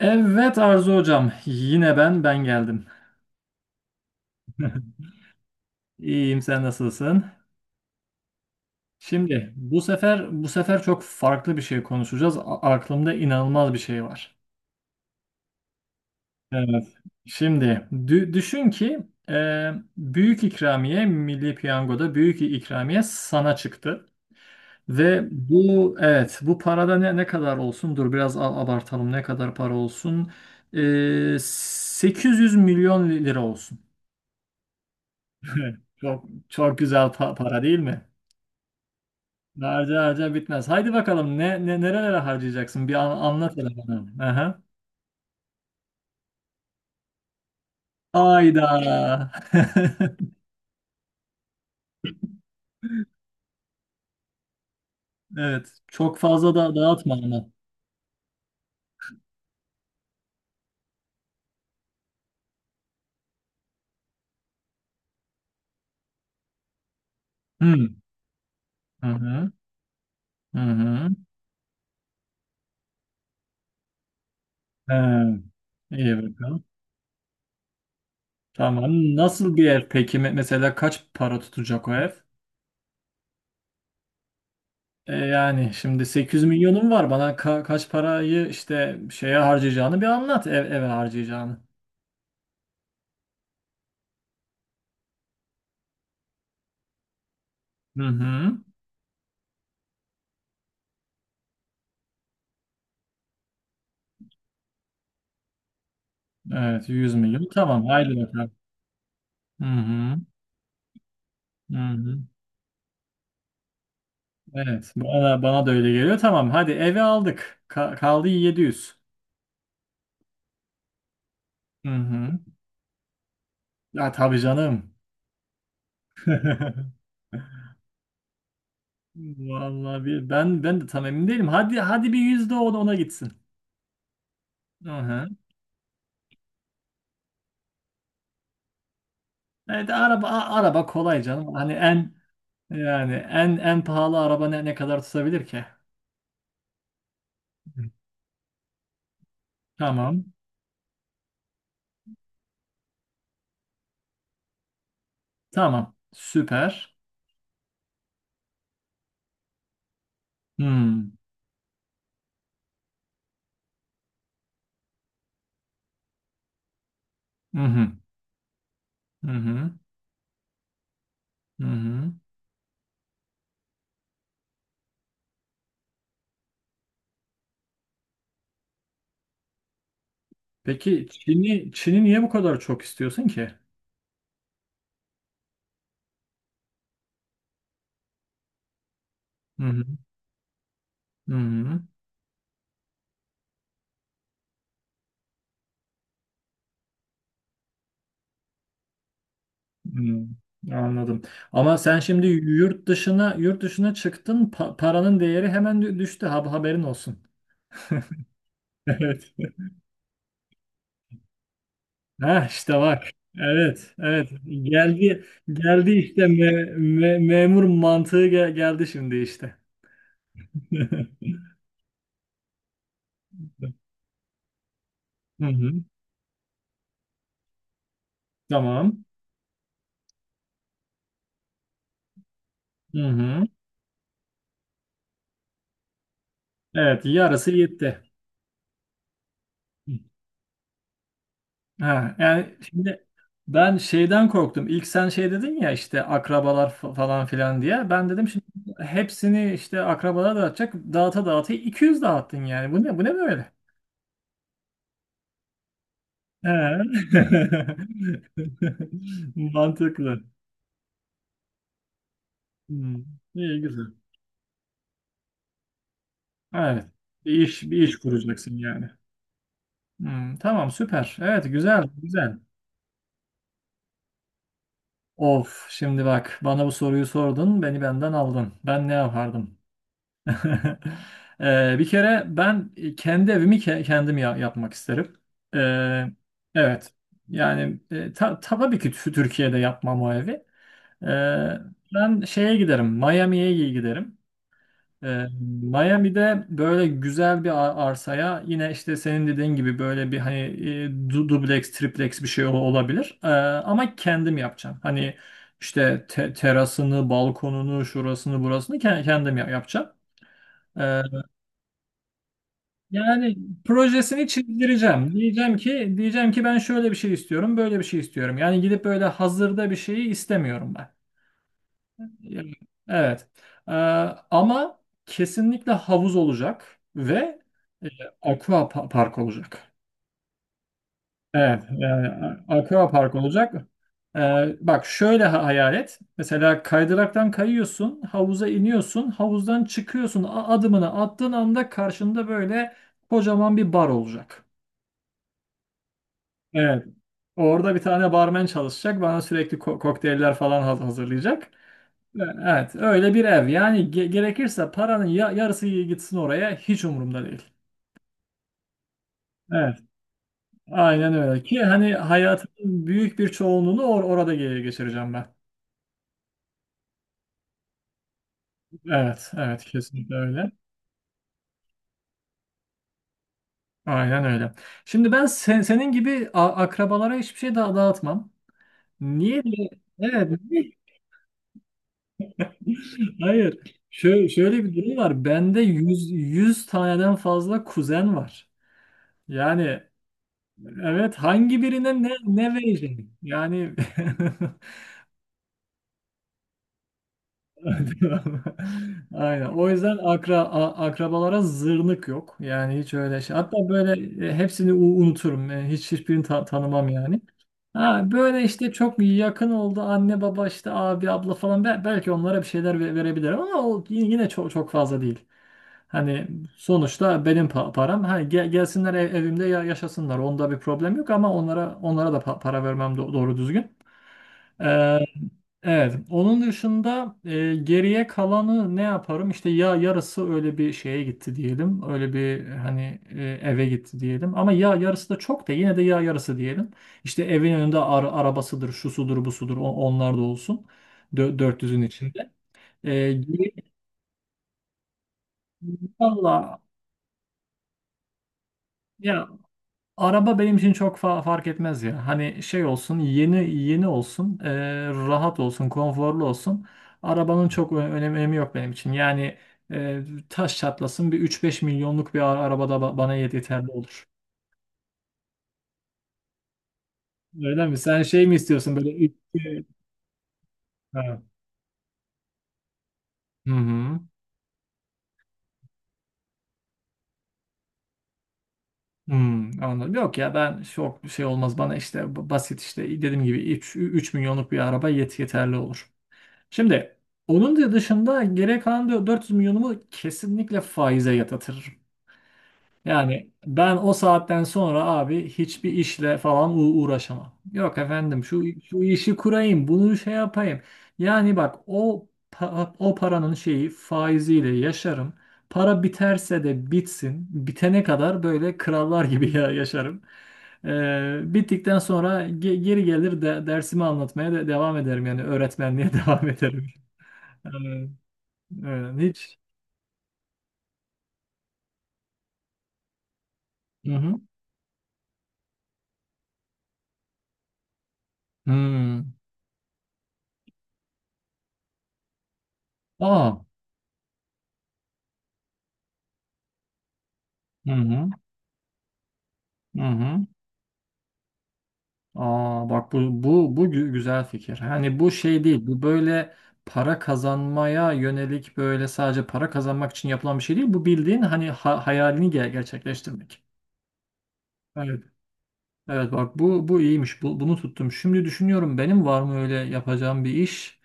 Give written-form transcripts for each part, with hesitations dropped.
Evet Arzu hocam, yine ben geldim. İyiyim, sen nasılsın? Şimdi bu sefer çok farklı bir şey konuşacağız. Aklımda inanılmaz bir şey var. Evet. Şimdi düşün ki e, büyük ikramiye Milli Piyango'da büyük ikramiye sana çıktı. Ve bu, evet, bu parada ne kadar olsun? Dur biraz, abartalım, ne kadar para olsun? 800 milyon lira olsun. Evet, çok çok güzel para, değil mi? Harca harca bitmez. Haydi bakalım, ne nerelere harcayacaksın? Bir anlat hele bana. Aha. Hayda. Evet. Çok fazla da dağıtma ama. Hmm. Hı hı. Hı hı. He. İyi bakalım. Tamam. Nasıl bir ev peki? Mesela kaç para tutacak o ev? Yani şimdi 800 milyonum var. Bana kaç parayı işte şeye harcayacağını bir anlat. Eve harcayacağını. Hı hı. Evet, 100 milyon. Tamam, haydi bakalım. Hı hı. Hı hı. Evet, bana da öyle geliyor. Tamam, hadi eve aldık. Kaldı 700. Hı hı. Ya tabii canım. Vallahi bir, ben de tam emin değilim. Hadi hadi, bir yüzde o da ona gitsin. Hı hı. Evet, araba kolay canım. Hani en, yani en pahalı araba ne kadar tutabilir ki? Hı. Tamam. Tamam. Süper. Hmm. Hı hı. Hı hı. Hı hı. Peki Çin'i niye bu kadar çok istiyorsun ki? Hı hı. Hı hı. Hı. Anladım. Ama sen şimdi yurt dışına çıktın, paranın değeri hemen düştü. Haberin olsun. Evet. Ha işte bak. Evet, evet. Geldi geldi işte, memur mantığı geldi şimdi işte. Hı hı. Tamam. Hı hı. Evet, yarısı yetti. Ha, yani şimdi ben şeyden korktum. İlk sen şey dedin ya, işte akrabalar falan filan diye. Ben dedim şimdi hepsini işte akrabalara dağıtacak. Dağıta dağıta 200 dağıttın yani. Bu ne bu ne böyle? He. Mantıklı. Hmm. İyi güzel. Evet. Bir iş kuracaksın yani. Hmm, tamam süper. Evet, güzel güzel. Of şimdi bak, bana bu soruyu sordun, beni benden aldın. Ben ne yapardım? Bir kere ben, kendi evimi kendim yapmak isterim. Ee, evet. Yani, tabii ki Türkiye'de yapmam o evi. Ee, Ben şeye giderim, Miami'ye giderim. Ee, Miami'de böyle güzel bir arsaya, yine işte senin dediğin gibi böyle bir hani dubleks, triplex bir şey olabilir. Ama kendim yapacağım. Hani işte terasını, balkonunu, şurasını, burasını kendim yapacağım. Ee, Yani projesini çizdireceğim. Diyeceğim ki ben şöyle bir şey istiyorum, böyle bir şey istiyorum. Yani gidip böyle hazırda bir şeyi istemiyorum ben. Yani. Evet. Ee, Ama kesinlikle havuz olacak ve e, aqua park olacak. Evet, yani, aqua park olacak. Ee, Bak şöyle hayal et. Mesela kaydıraktan kayıyorsun, havuza iniyorsun, havuzdan çıkıyorsun. Adımını attığın anda karşında böyle kocaman bir bar olacak. Evet. Orada bir tane barmen çalışacak. Bana sürekli kokteyller falan hazırlayacak. Evet, öyle bir ev. Yani gerekirse paranın yarısı gitsin oraya, hiç umurumda değil. Evet, aynen öyle ki hani hayatımın büyük bir çoğunluğunu orada geçireceğim ben. Evet, evet, kesinlikle öyle. Aynen öyle. Şimdi ben senin gibi akrabalara hiçbir şey daha dağıtmam. Niye diye? Evet. Hayır. Şöyle bir durum var. Bende 100 taneden fazla kuzen var. Yani evet, hangi birine ne verecek? Yani. Aynen. O yüzden akrabalara zırnık yok. Yani hiç öyle şey. Hatta böyle, hepsini unuturum. Hiçbirini tanımam yani. Ha, böyle işte çok yakın oldu anne baba, işte abi abla falan, belki onlara bir şeyler verebilirim ama o yine çok çok fazla değil. Hani sonuçta benim param. Hani gelsinler evimde yaşasınlar. Onda bir problem yok ama onlara da para vermem doğru düzgün. Ee, Evet. Onun dışında, geriye kalanı ne yaparım? İşte ya yarısı öyle bir şeye gitti diyelim. Öyle bir hani, eve gitti diyelim. Ama ya yarısı da çok da yine de ya yarısı diyelim. İşte evin önünde arabasıdır, şu sudur, bu sudur, onlar da olsun. 400'ün içinde. Geriye- Vallahi ya, araba benim için çok fark etmez ya. Hani şey olsun, yeni yeni olsun, rahat olsun, konforlu olsun. Arabanın çok önemi yok benim için. Yani, e, taş çatlasın bir üç beş milyonluk bir arabada bana yeterli olur. Öyle mi? Sen şey mi istiyorsun böyle üç... Ha. Hı hı. Hmm, anladım. Yok ya, ben çok şey olmaz bana, işte basit işte dediğim gibi üç milyonluk bir araba yeterli olur. Şimdi onun da dışında geri kalan diyor, 400 milyonumu kesinlikle faize yatırırım. Yani ben o saatten sonra abi, hiçbir işle falan uğraşamam. Yok efendim, şu işi kurayım, bunu şey yapayım. Yani bak, o paranın şeyi, faiziyle yaşarım. Para biterse de bitsin. Bitene kadar böyle krallar gibi yaşarım. Bittikten sonra geri gelir de dersimi anlatmaya devam ederim, yani öğretmenliğe devam ederim. Evet. Aynen, hiç. Hı hı. Hmm. Aa. Hı hı. Hı hı. Aa bak, bu güzel fikir. Hani bu şey değil. Bu böyle para kazanmaya yönelik, böyle sadece para kazanmak için yapılan bir şey değil. Bu bildiğin hani, hayalini gerçekleştirmek. Evet. Evet bak, bu iyiymiş. Bu, bunu tuttum. Şimdi düşünüyorum, benim var mı öyle yapacağım bir iş?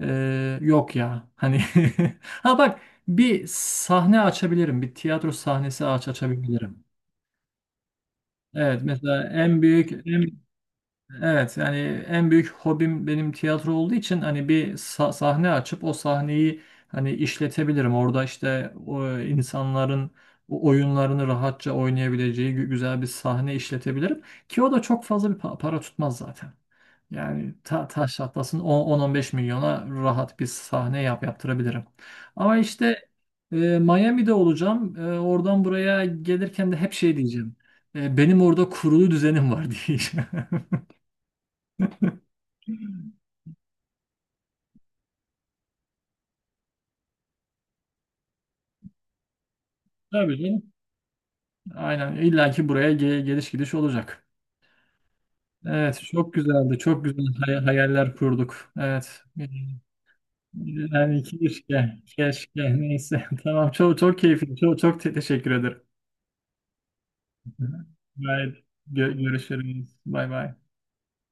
Yok ya. Hani ha bak, bir sahne açabilirim. Bir tiyatro sahnesi açabilirim. Evet mesela evet, yani en büyük hobim benim tiyatro olduğu için hani bir sahne açıp o sahneyi hani işletebilirim. Orada işte o insanların o oyunlarını rahatça oynayabileceği güzel bir sahne işletebilirim ki o da çok fazla bir para tutmaz zaten. Yani taş çatlasın 10-15 milyona rahat bir sahne yaptırabilirim. Ama işte, Miami'de olacağım. Oradan buraya gelirken de hep şey diyeceğim. Benim orada kurulu düzenim var diyeceğim. Tabii canım. Aynen, illa ki buraya geliş gidiş olacak. Evet, çok güzeldi. Çok güzel hayaller kurduk. Evet. Yani keşke, keşke neyse. Tamam, çok çok keyifli. Çok çok teşekkür ederim. Hı hı. Gayet görüşürüz. Bay bay.